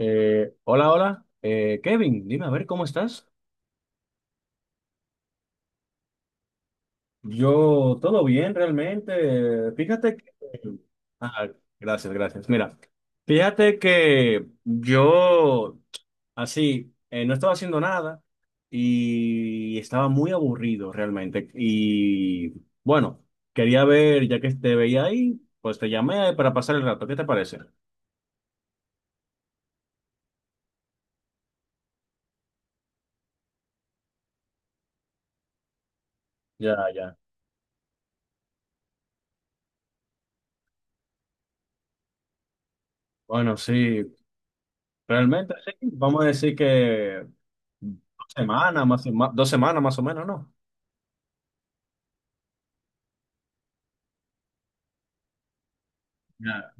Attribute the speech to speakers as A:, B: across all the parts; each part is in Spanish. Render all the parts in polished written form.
A: Hola, hola. Kevin, dime a ver cómo estás. Yo, todo bien realmente. Fíjate que... Ah, gracias, gracias. Mira, fíjate que yo así no estaba haciendo nada y estaba muy aburrido realmente. Y bueno, quería ver, ya que te veía ahí, pues te llamé para pasar el rato. ¿Qué te parece? Ya, ya. Bueno, sí. Realmente sí, vamos a decir que dos semanas dos semanas más o menos, ¿no? Ya.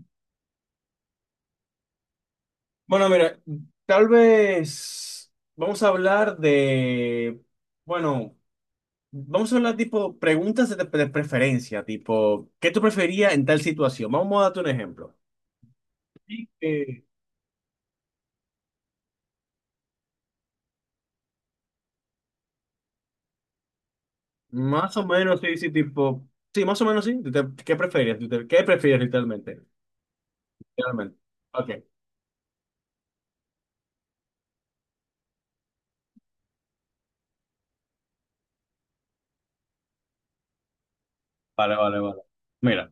A: Bueno, mira, tal vez vamos a hablar de, bueno, vamos a hablar tipo preguntas de preferencia, tipo, ¿qué tú preferías en tal situación? Vamos a darte un ejemplo. Sí. Más o menos sí, sí, tipo, sí, más o menos sí. ¿Qué prefieres? ¿Qué prefieres literalmente? Realmente. Ok, vale, vale, vale. Mira,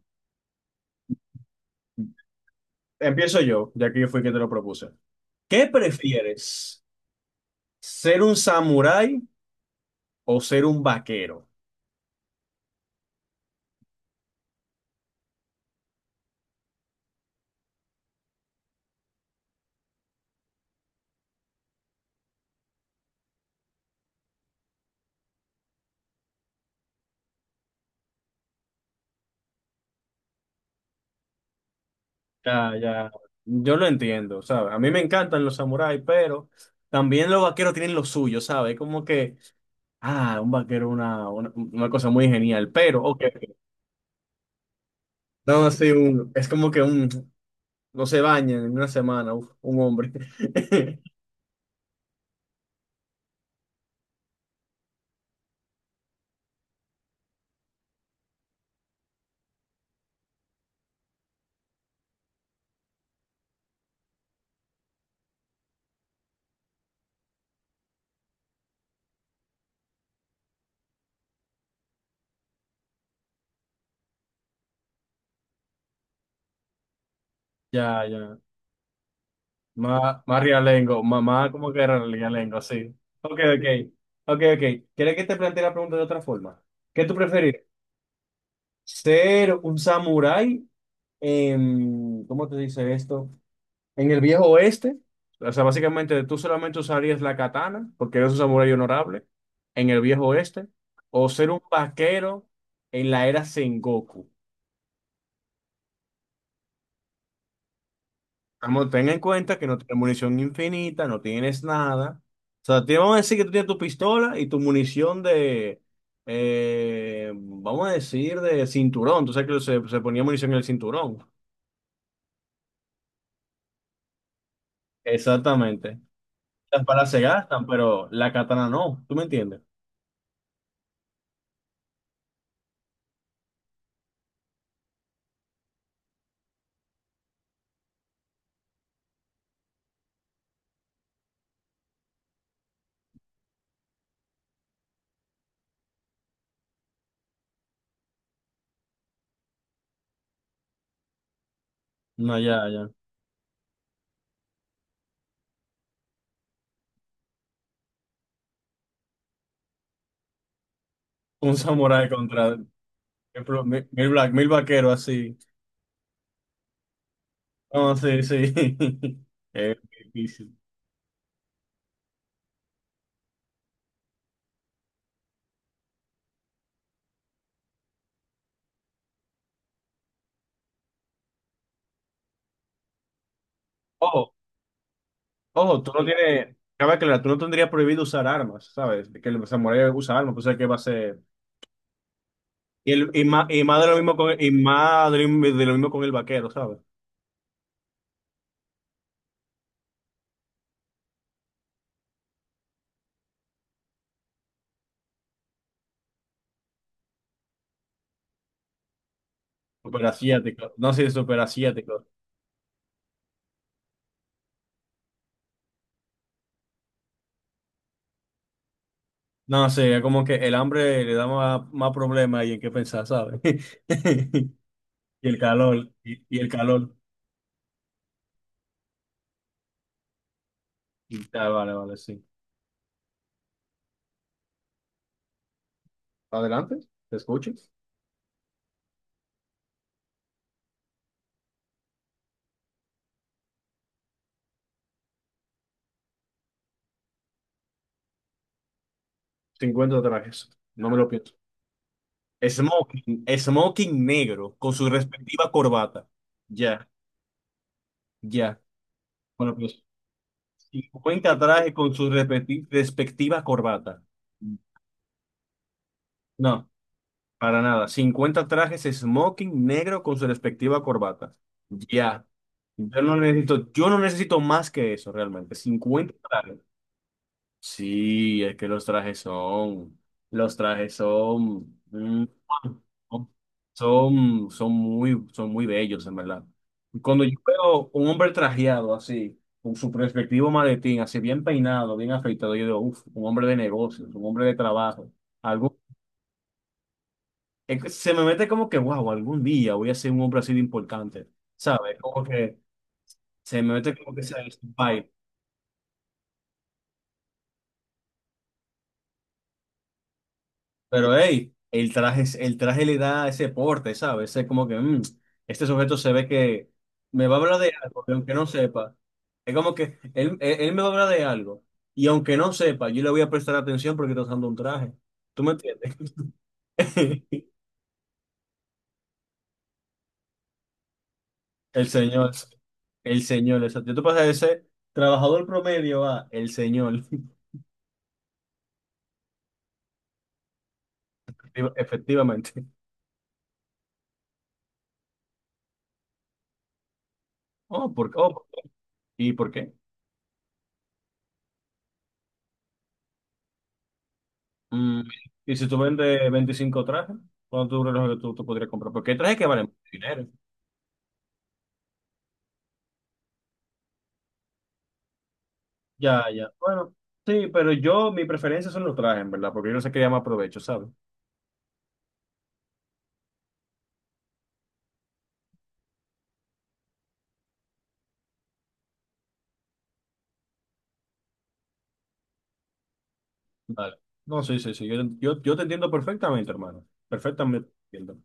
A: empiezo yo, ya que yo fui quien te lo propuse. ¿Qué prefieres? ¿Ser un samurái o ser un vaquero? Ya, ya, yo lo entiendo, ¿sabes? A mí me encantan los samuráis, pero también los vaqueros tienen lo suyo, ¿sabes? Como que, ah, un vaquero es una cosa muy genial, pero, ok, no, así un, es como que un, no se baña en una semana, uf, un hombre. Ya, ya, más realengo, mamá como que era realengo, sí. Ok, ok, ok, ok. ¿Quieres que te plantee la pregunta de otra forma? ¿Qué tú preferís? Ser un samurái en, ¿cómo te dice esto? En el viejo oeste. O sea, básicamente tú solamente usarías la katana, porque eres un samurái honorable, en el viejo oeste, o ser un vaquero en la era Sengoku. Vamos, ten en cuenta que no tienes munición infinita, no tienes nada. O sea, te vamos a decir que tú tienes tu pistola y tu munición de, vamos a decir, de cinturón. Tú sabes que se ponía munición en el cinturón. Exactamente. Las balas se gastan, pero la katana no, ¿tú me entiendes? No, ya, ya. Un samurái contra ejemplo, mil vaqueros así. No, sí, sí. Es difícil. Ojo, ojo, tú no tienes, cabe aclarar, tú no tendrías prohibido usar armas, ¿sabes? Que el samurái usa armas, pues es que va a ser... Y, más de lo mismo con, el, y más de lo mismo con el vaquero, ¿sabes? Superasiático. No, sí, superasiático. No, sí, es como que el hambre le da más problemas y en qué pensar, ¿sabes? Y el calor, y el calor. Y, ah, vale, vale, sí. Adelante, te escucho. 50 trajes. No me lo pienso. Smoking, smoking negro con su respectiva corbata. Ya, ya. Bueno, pues 50 trajes con su respectiva corbata. No, para nada. 50 trajes smoking negro con su respectiva corbata. Ya. Yo no necesito más que eso realmente. 50 trajes. Sí, es que los trajes son muy bellos, en verdad. Y cuando yo veo un hombre trajeado así, con su perspectivo maletín, así bien peinado, bien afeitado, yo digo, uff, un hombre de negocios, un hombre de trabajo. Algo es que se me mete como que, wow, algún día voy a ser un hombre así de importante, ¿sabes? Como que se me mete como que esa vibe. Pero hey, el traje, el traje le da ese porte, ¿sabes? Es como que este sujeto se ve que me va a hablar de algo, que aunque no sepa, es como que él me va a hablar de algo, y aunque no sepa, yo le voy a prestar atención porque está usando un traje. ¿Tú me entiendes? El señor, el señor, exacto. Yo te pasé de ser trabajador promedio a el señor, efectivamente. Oh, ¿por qué? Oh, ¿y por qué? Mm, Y si tú vendes 25 trajes, ¿cuánto dura lo que tú podrías comprar? Porque hay trajes que valen mucho dinero. Ya, ya. Bueno, sí, pero yo, mi preferencia son los trajes, en ¿verdad? Porque yo no sé qué más provecho, ¿sabes? Vale. No, sí, sí, sí. Yo te entiendo perfectamente, hermano. Perfectamente. Te entiendo.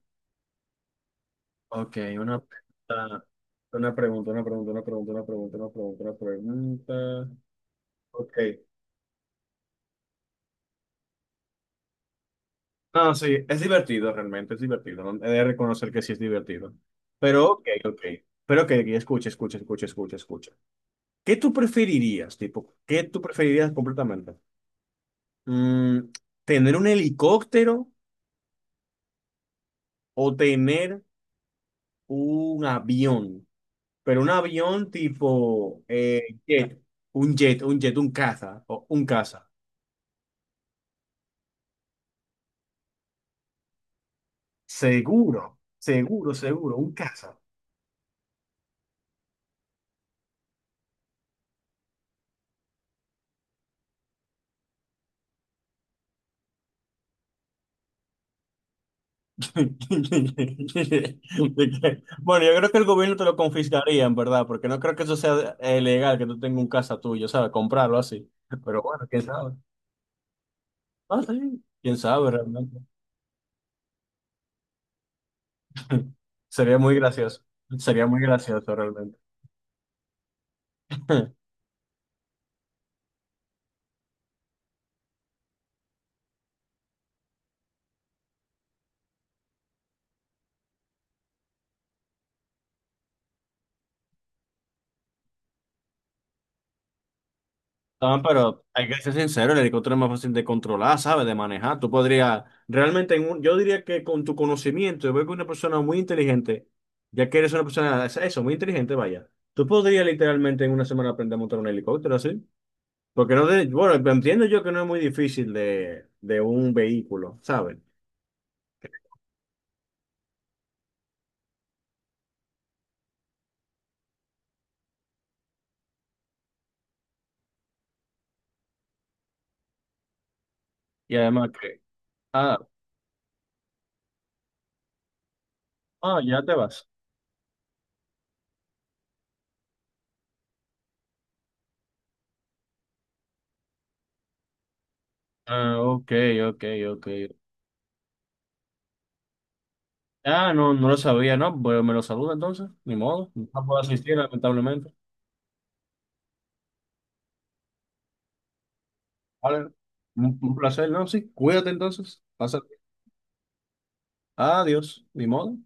A: Ok, una pregunta. Pregunta. Ok. No, sí, es divertido realmente, es divertido. ¿No? He de reconocer que sí es divertido. Pero, ok, ok. Pero, ok, ok, escucha, escucha, escucha, escucha, escucha. ¿Qué tú preferirías, tipo? ¿Qué tú preferirías completamente? Mm, ¿Tener un helicóptero o tener un avión? Pero un avión tipo jet, un jet, un caza, o un caza. Seguro, seguro, seguro, un caza. De Bueno, yo creo que el gobierno te lo confiscaría, en verdad, porque no creo que eso sea legal, que tú tengas un casa tuyo, ¿sabes? Comprarlo así. Pero bueno, quién sabe. Ah, sí, quién sabe realmente. Sería muy gracioso. Sería muy gracioso realmente. Ah, pero hay que ser sincero, el helicóptero es más fácil de controlar, ¿sabes? De manejar. Tú podrías, realmente, yo diría que con tu conocimiento, yo veo que una persona muy inteligente, ya que eres una persona, eso, muy inteligente, vaya, tú podrías literalmente en una semana aprender a montar un helicóptero así. Porque no, bueno, entiendo yo que no es muy difícil de un vehículo, ¿sabes? Y además que, ah, ah, ya te vas. Ah, ok, ok, ok. Ah, no, no lo sabía, ¿no? Bueno, me lo saluda entonces, ni modo, no puedo asistir, lamentablemente. Vale, un placer, ¿no? Sí, cuídate entonces. Pasa. Adiós, ni modo.